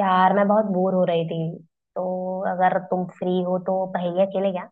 यार, मैं बहुत बोर हो रही थी, तो अगर तुम फ्री हो तो पहेलियाँ खेले क्या।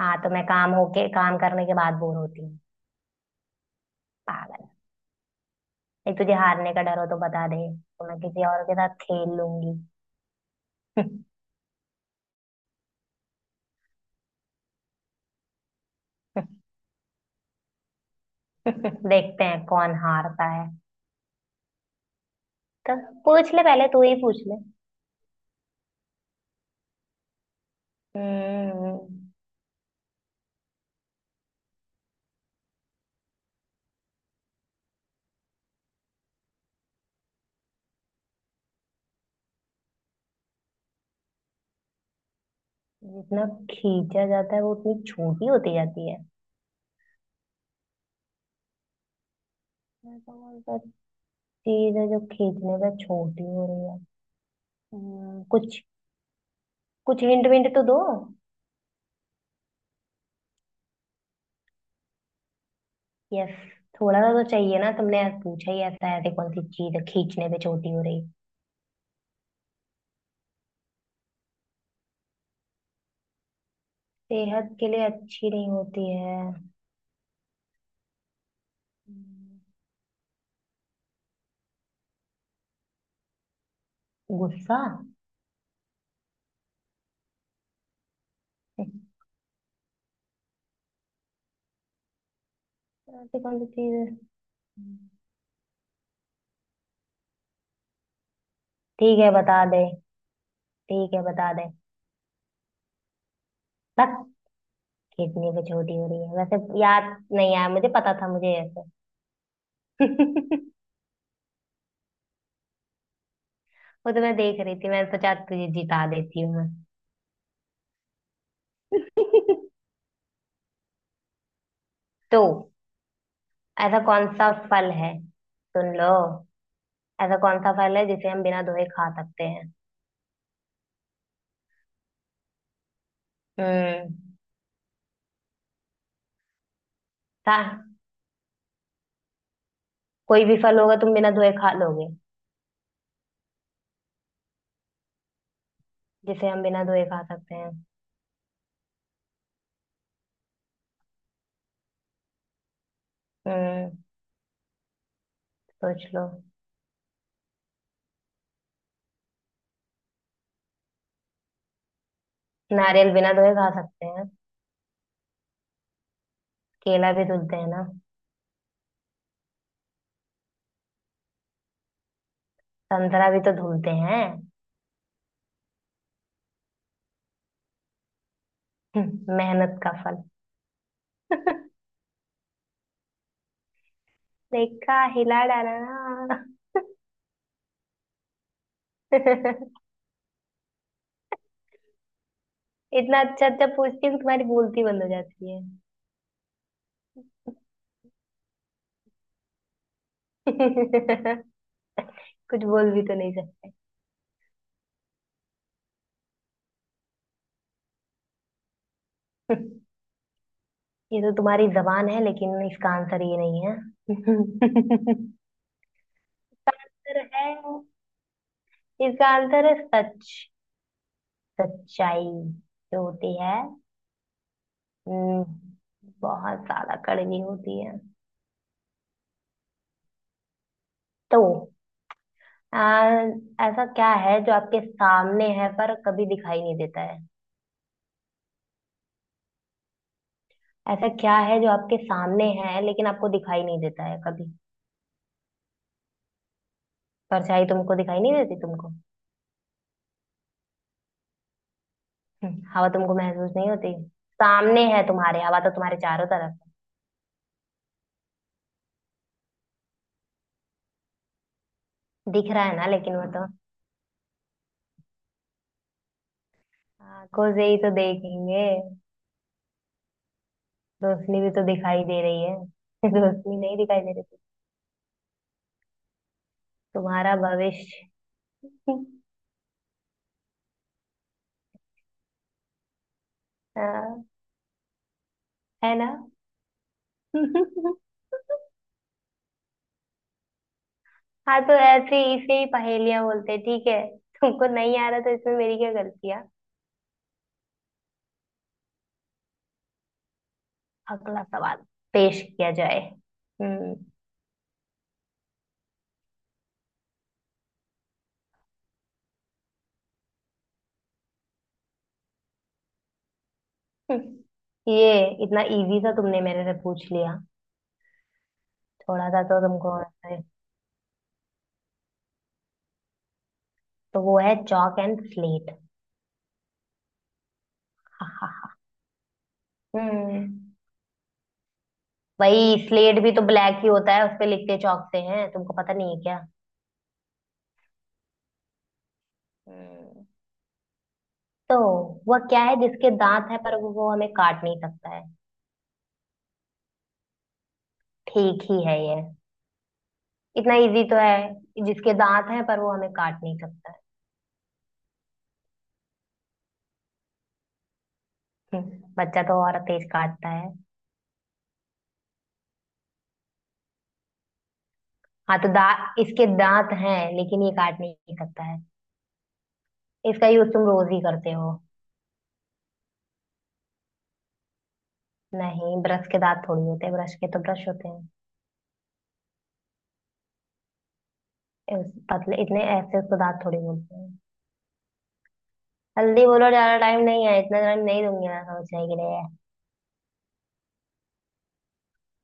हाँ, तो मैं काम होके काम करने के बाद बोर होती हूँ। पागल। नहीं, तुझे हारने का डर हो तो बता दे तो मैं किसी और के साथ खेल लूंगी। देखते हैं कौन हारता है। तो पूछ ले, पहले तू ही पूछ ले। हम्म। जितना खींचा जाता है वो उतनी छोटी होती जाती है। ऐसा कौन सा चीज है जो खींचने पे छोटी हो रही है। कुछ। कुछ हिंट विंट तो दो। यस। थोड़ा सा तो चाहिए ना, तुमने आज पूछा ही ऐसा है, ऐसी कौन सी चीज है खींचने पे छोटी हो रही। सेहत के लिए अच्छी नहीं होती है। हम्म। गुस्सा। हम्म, ऐसी कौन सी चीज है। हम्म। ठीक है, बता दे। ठीक है, बता दे। बस। खींचने पे छोटी हो रही है वैसे, याद नहीं आया। मुझे पता था मुझे, ऐसे। वो तो मैं देख रही थी, मैंने सोचा तुझे जिता देती हूँ मैं। तो ऐसा कौन सा फल है, सुन लो। ऐसा कौन सा फल है जिसे हम बिना धोए खा सकते हैं। हम्म। था। कोई भी फल होगा तुम बिना धोए खा लोगे। जिसे हम बिना धोए खा सकते हैं। हम्म। सोच लो। नारियल बिना धोए खा सकते हैं। केला भी धुलते हैं ना। संतरा भी तो धुलते हैं। मेहनत का फल। देखा, हिला डाला ना। इतना अच्छा अच्छा पूछती हूँ, तुम्हारी बोलती बंद हो जाती है। कुछ बोल भी तो नहीं सकते। ये तो तुम्हारी जबान है, लेकिन इसका आंसर ये नहीं है। इसका आंसर है, इसका आंसर है सच। सच्चाई जो होती है। हम्म, बहुत ज्यादा कड़वी होती है। तो आ, ऐसा क्या है जो आपके सामने है पर कभी दिखाई नहीं देता है। ऐसा क्या है जो आपके सामने है लेकिन आपको दिखाई नहीं देता है कभी। परछाई तुमको दिखाई नहीं देती तुमको? हवा तुमको महसूस नहीं होती। सामने है तुम्हारे, हवा तो तुम्हारे चारों तरफ है। दिख रहा है ना, लेकिन वो तो आंखों से ही तो देखेंगे। रोशनी भी तो दिखाई दे रही है। रोशनी नहीं दिखाई दे रही थी। तुम्हारा भविष्य। हाँ, है ना। हाँ, तो ऐसे इसे ही पहेलियां बोलते हैं, ठीक है। तुमको नहीं आ रहा तो इसमें मेरी क्या गलती है। अगला सवाल पेश किया जाए। हम्म। ये इतना इजी सा तुमने मेरे से पूछ लिया। थोड़ा सा तो तुमको आता है। तो वो है चौक एंड स्लेट। हम्म। वही, स्लेट भी तो ब्लैक ही होता है, उस पे लिखते चौक से हैं, तुमको पता नहीं है क्या। हम्म। तो वह क्या है जिसके दांत है पर वो हमें काट नहीं सकता है। ठीक ही है ये। इतना इजी तो है, जिसके दांत है पर वो हमें काट नहीं सकता है। बच्चा तो और तेज काटता है। हाँ, तो दांत, इसके दांत हैं लेकिन ये काट नहीं सकता है। इसका यूज तुम रोज ही करते हो। नहीं, ब्रश के दांत थोड़ी होते हैं, ब्रश के तो ब्रश होते हैं। इस, पतले इतने ऐसे, उसको दांत थोड़ी बोलते हैं। जल्दी बोलो, ज्यादा टाइम नहीं है, इतना टाइम नहीं दूंगी मैं समझने के लिए।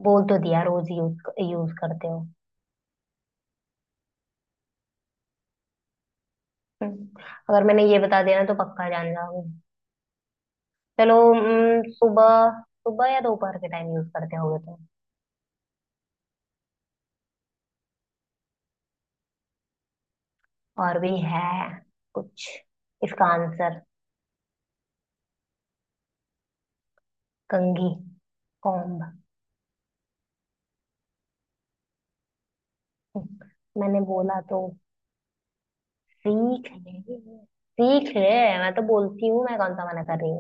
बोल तो दिया, रोज यूज यूज करते हो। हम्म, अगर मैंने ये बता दिया ना तो पक्का जान जाओगे। चलो, सुबह। सुबह या दोपहर के टाइम यूज करते होगे तो। और भी है कुछ इसका आंसर। कंघी। कॉम्ब। हम्म, मैंने बोला तो। सीख ले। सीख ले। मैं तो बोलती हूँ, मैं कौन सा मना कर रही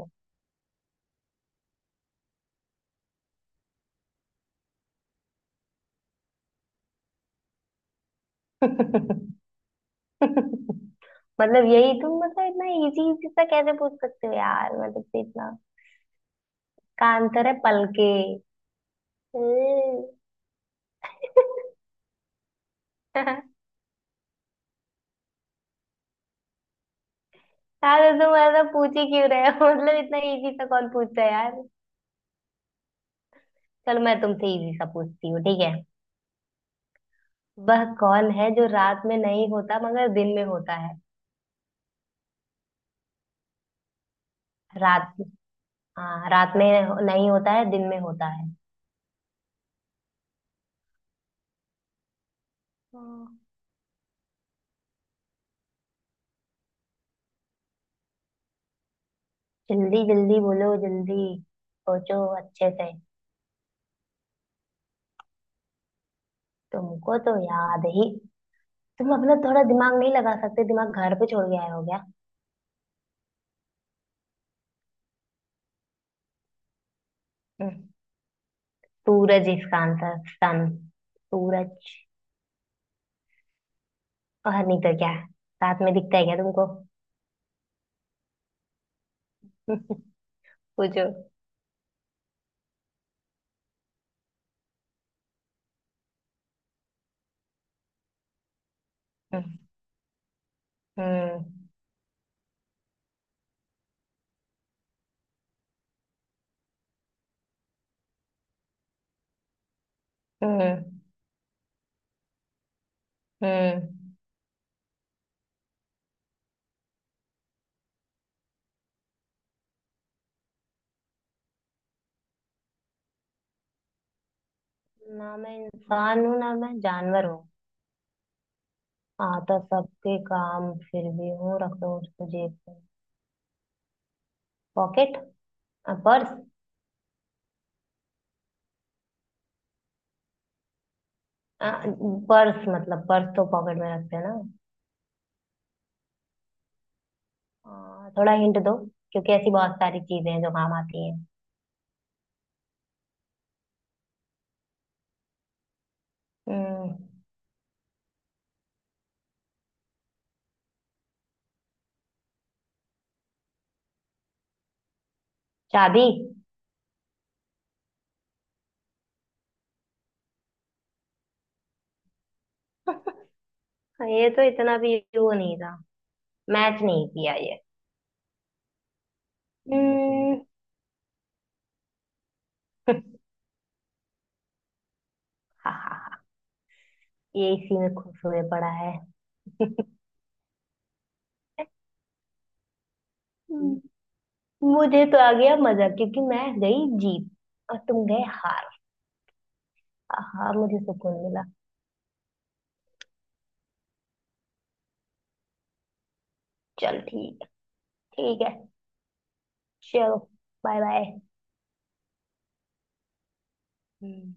हूँ। मतलब यही तुम, मतलब इतना इजी इजी सा कैसे पूछ सकते हो यार, मतलब से इतना का अंतर है, पलके। यार तुम ऐसा पूछ ही क्यों रहे हो। मतलब इतना इजी सा कौन पूछता है यार। चलो, मैं तुमसे इजी सा पूछती हूँ, ठीक है। वह कौन है जो रात में नहीं होता मगर दिन में होता है। रात। हाँ, रात में नहीं होता है, दिन में होता है। हाँ। जल्दी जल्दी बोलो, जल्दी। सोचो अच्छे से। तुमको तो याद ही। तुम अपना थोड़ा दिमाग नहीं लगा सकते, दिमाग घर पे छोड़ के आए हो क्या। हम्म, सूरज। इसका आंसर सन, सूरज। और नहीं तो क्या। साथ में दिखता है क्या तुमको। पूछो। हम्म। हम्म। हम्म। ना मैं इंसान हूँ, ना मैं जानवर हूँ। आता सबके काम फिर भी हूँ, रखो उसको जेब में। पॉकेट। हाँ, पर्स। हाँ, पर्स मतलब, पर्स तो पॉकेट में रखते हैं ना। थोड़ा हिंट दो। क्योंकि ऐसी बहुत सारी चीजें हैं जो काम आती हैं। हम्म। शादी। ये तो इतना भी वो नहीं था। मैच नहीं किया ये। हम्म। हा हा हा। ये इसी में खुश हुए पड़ा है। हम्म, मुझे तो आ गया मजा, क्योंकि मैं गई जीत और तुम गए हार। हाँ हाँ, मुझे सुकून मिला। चल, ठीक। ठीक है। चलो, बाय बाय। हम्म।